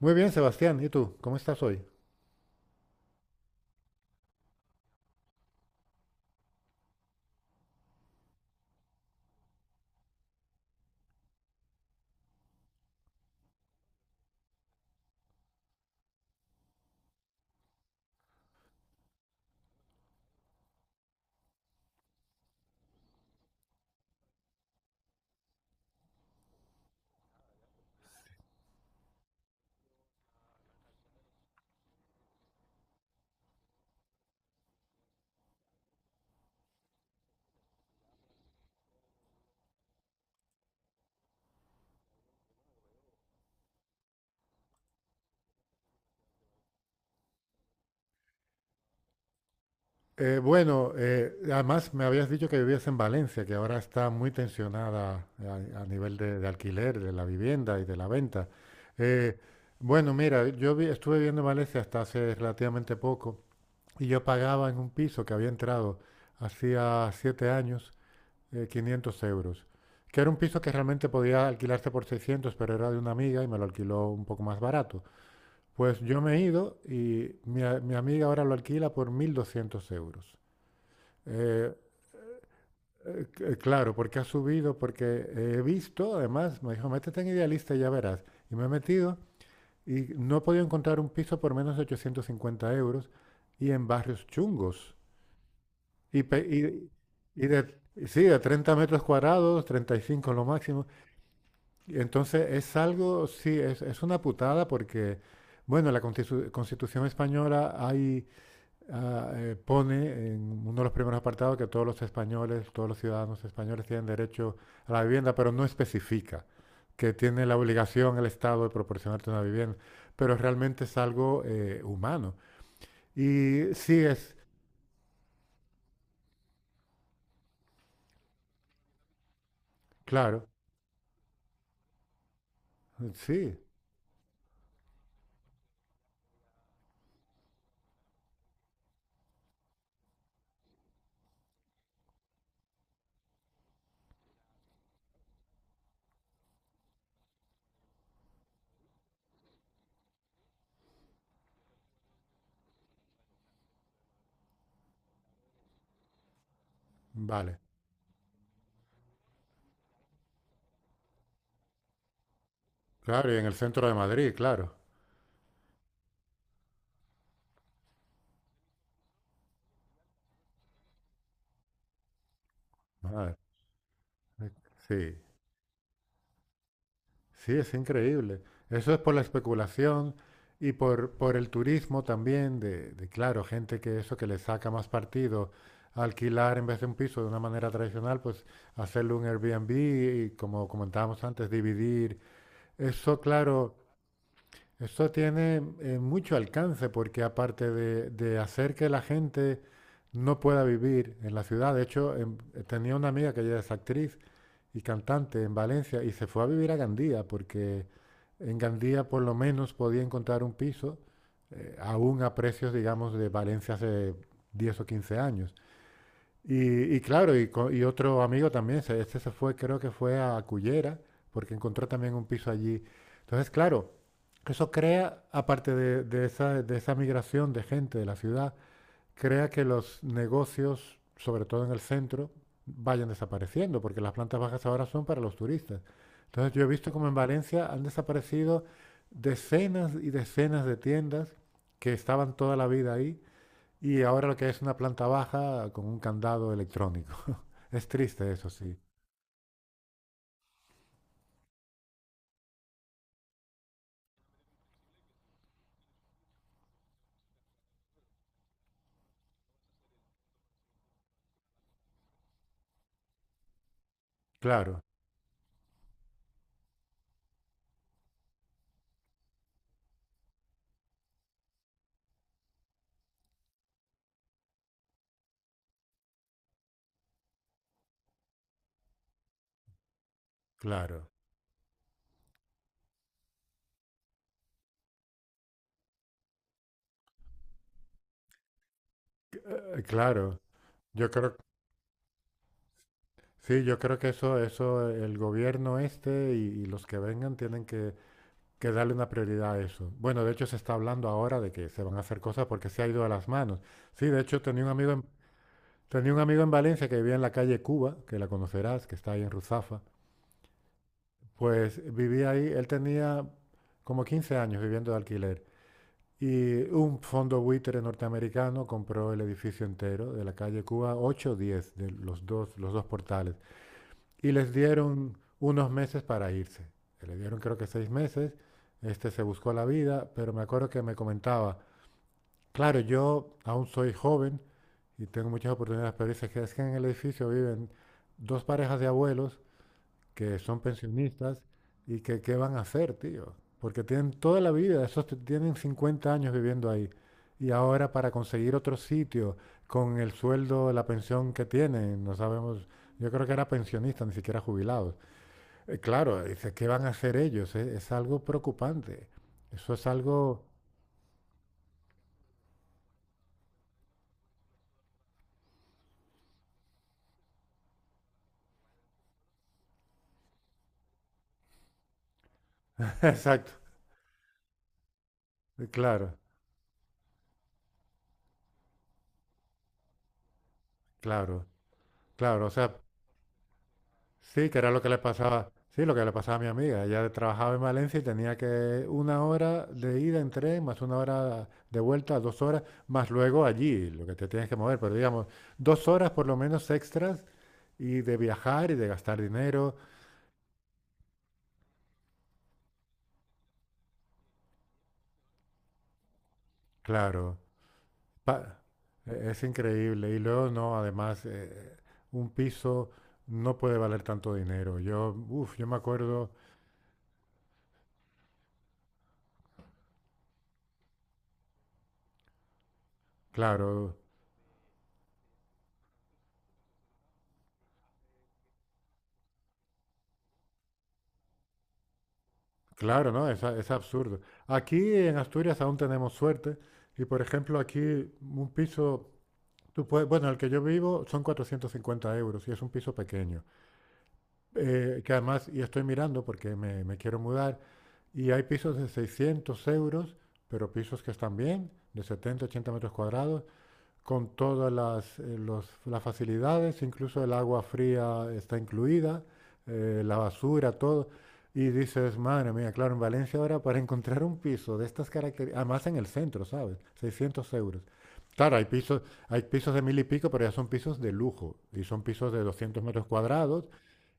Muy bien, Sebastián. ¿Y tú? ¿Cómo estás hoy? Bueno, además me habías dicho que vivías en Valencia, que ahora está muy tensionada, a nivel de alquiler, de la vivienda y de la venta. Eh, bueno, mira, yo estuve viviendo en Valencia hasta hace relativamente poco y yo pagaba en un piso que había entrado hacía 7 años, 500 euros, que era un piso que realmente podía alquilarse por 600, pero era de una amiga y me lo alquiló un poco más barato. Pues yo me he ido y mi amiga ahora lo alquila por 1.200 euros. Eh, claro, porque ha subido, porque he visto. Además, me dijo: métete en Idealista y ya verás. Y me he metido y no he podido encontrar un piso por menos de 850 euros y en barrios chungos. Y, pe- y- y sí, de 30 metros cuadrados, 35 lo máximo. Entonces es algo, sí, es, una putada porque, bueno, en la Constitución española hay, pone en uno de los primeros apartados que todos los españoles, todos los ciudadanos españoles, tienen derecho a la vivienda, pero no especifica que tiene la obligación el Estado de proporcionarte una vivienda, pero realmente es algo humano. Y sí es, claro, sí, vale, claro, y en el centro de Madrid, claro. Madre, sí. Sí, es increíble. Eso es por la especulación y por el turismo también, claro, gente que eso que le saca más partido alquilar, en vez de un piso de una manera tradicional, pues hacerle un Airbnb y, como comentábamos antes, dividir. Eso, claro, eso tiene mucho alcance, porque aparte de, hacer que la gente no pueda vivir en la ciudad, de hecho, tenía una amiga que ella es actriz y cantante en Valencia y se fue a vivir a Gandía, porque en Gandía por lo menos podía encontrar un piso aún a precios, digamos, de Valencia hace 10 o 15 años. Y claro, y otro amigo también, este se fue, creo que fue a Cullera, porque encontró también un piso allí. Entonces, claro, eso crea, aparte de, de esa migración de gente de la ciudad, crea que los negocios, sobre todo en el centro, vayan desapareciendo, porque las plantas bajas ahora son para los turistas. Entonces yo he visto como en Valencia han desaparecido decenas y decenas de tiendas que estaban toda la vida ahí, y ahora lo que es una planta baja con un candado electrónico. Es triste eso, sí. Claro, claro. Claro, yo creo, sí, yo creo que eso el gobierno este y, los que vengan tienen que darle una prioridad a eso. Bueno, de hecho, se está hablando ahora de que se van a hacer cosas, porque se ha ido a las manos. Sí, de hecho tenía un amigo en, tenía un amigo en Valencia que vivía en la calle Cuba, que la conocerás, que está ahí en Ruzafa. Pues vivía ahí, él tenía como 15 años viviendo de alquiler. Y un fondo buitre norteamericano compró el edificio entero de la calle Cuba, 8 o 10, de los dos portales. Y les dieron unos meses para irse. Le dieron, creo, que 6 meses. Este se buscó la vida, pero me acuerdo que me comentaba, claro, yo aún soy joven y tengo muchas oportunidades, pero dice que es que en el edificio viven dos parejas de abuelos que son pensionistas, y que qué van a hacer, tío, porque tienen toda la vida, esos tienen 50 años viviendo ahí. Y ahora, para conseguir otro sitio con el sueldo, la pensión que tienen, no sabemos, yo creo que era pensionista, ni siquiera jubilados. Claro, dice, ¿qué van a hacer ellos? Es algo preocupante. Eso es algo... Exacto. Claro, claro, claro. O sea, sí, que era lo que le pasaba. Sí, lo que le pasaba a mi amiga. Ella trabajaba en Valencia y tenía que 1 hora de ida en tren, más 1 hora de vuelta, 2 horas, más luego allí, lo que te tienes que mover. Pero digamos, 2 horas por lo menos extras, y de viajar y de gastar dinero. Claro. Pa- es increíble. Y luego no, además, un piso no puede valer tanto dinero. Yo me acuerdo, claro, claro, ¿no? Es, es absurdo. Aquí en Asturias aún tenemos suerte. Y por ejemplo, aquí un piso, tú puedes, bueno, el que yo vivo son 450 euros y es un piso pequeño. Que además, y estoy mirando porque me quiero mudar, y hay pisos de 600 euros, pero pisos que están bien, de 70 80 metros cuadrados, con todas las, las facilidades, incluso el agua fría está incluida, la basura, todo. Y dices, madre mía, claro, en Valencia ahora, para encontrar un piso de estas características, además en el centro, ¿sabes?, 600 euros. Claro, hay pisos de mil y pico, pero ya son pisos de lujo. Y son pisos de 200 metros cuadrados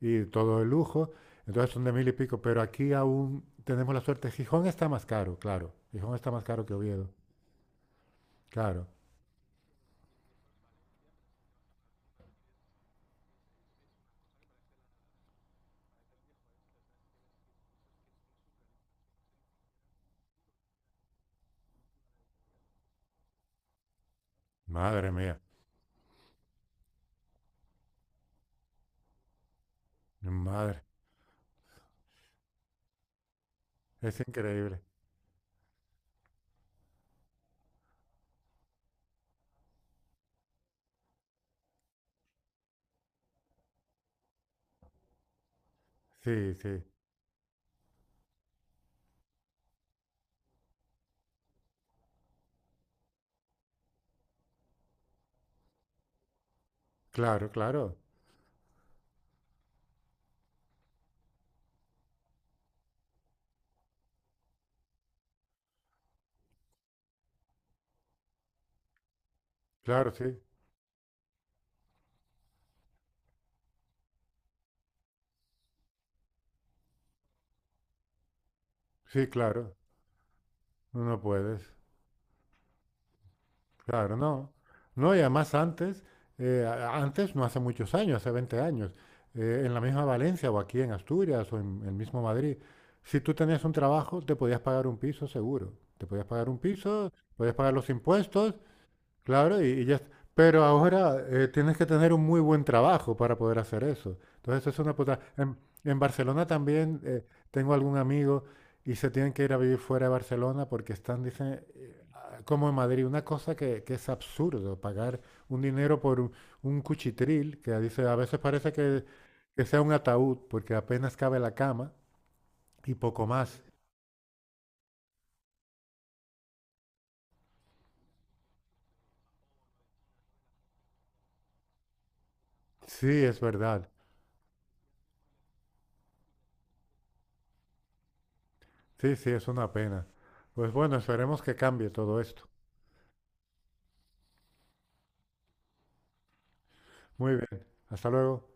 y todo de lujo. Entonces son de mil y pico. Pero aquí aún tenemos la suerte. Gijón está más caro, claro. Gijón está más caro que Oviedo. Claro. Madre mía. Madre Es increíble. Sí, sí. Claro, claro. Claro, sí. Sí, claro. No puedes. Claro, no. No, y además antes, antes, no hace muchos años, hace 20 años, en la misma Valencia o aquí en Asturias o en el mismo Madrid, si tú tenías un trabajo, te podías pagar un piso seguro. Te podías pagar un piso, podías pagar los impuestos. Claro, y ya. Pero ahora, tienes que tener un muy buen trabajo para poder hacer eso. Entonces es una puta. En Barcelona también, tengo algún amigo y se tienen que ir a vivir fuera de Barcelona porque están, dicen, como en Madrid, una cosa que, es absurdo: pagar un dinero por un cuchitril, que dice, a veces parece que, sea un ataúd, porque apenas cabe la cama y poco más. Sí, es verdad. Sí, sí, es una pena. Pues bueno, esperemos que cambie todo esto. Muy bien. Hasta luego.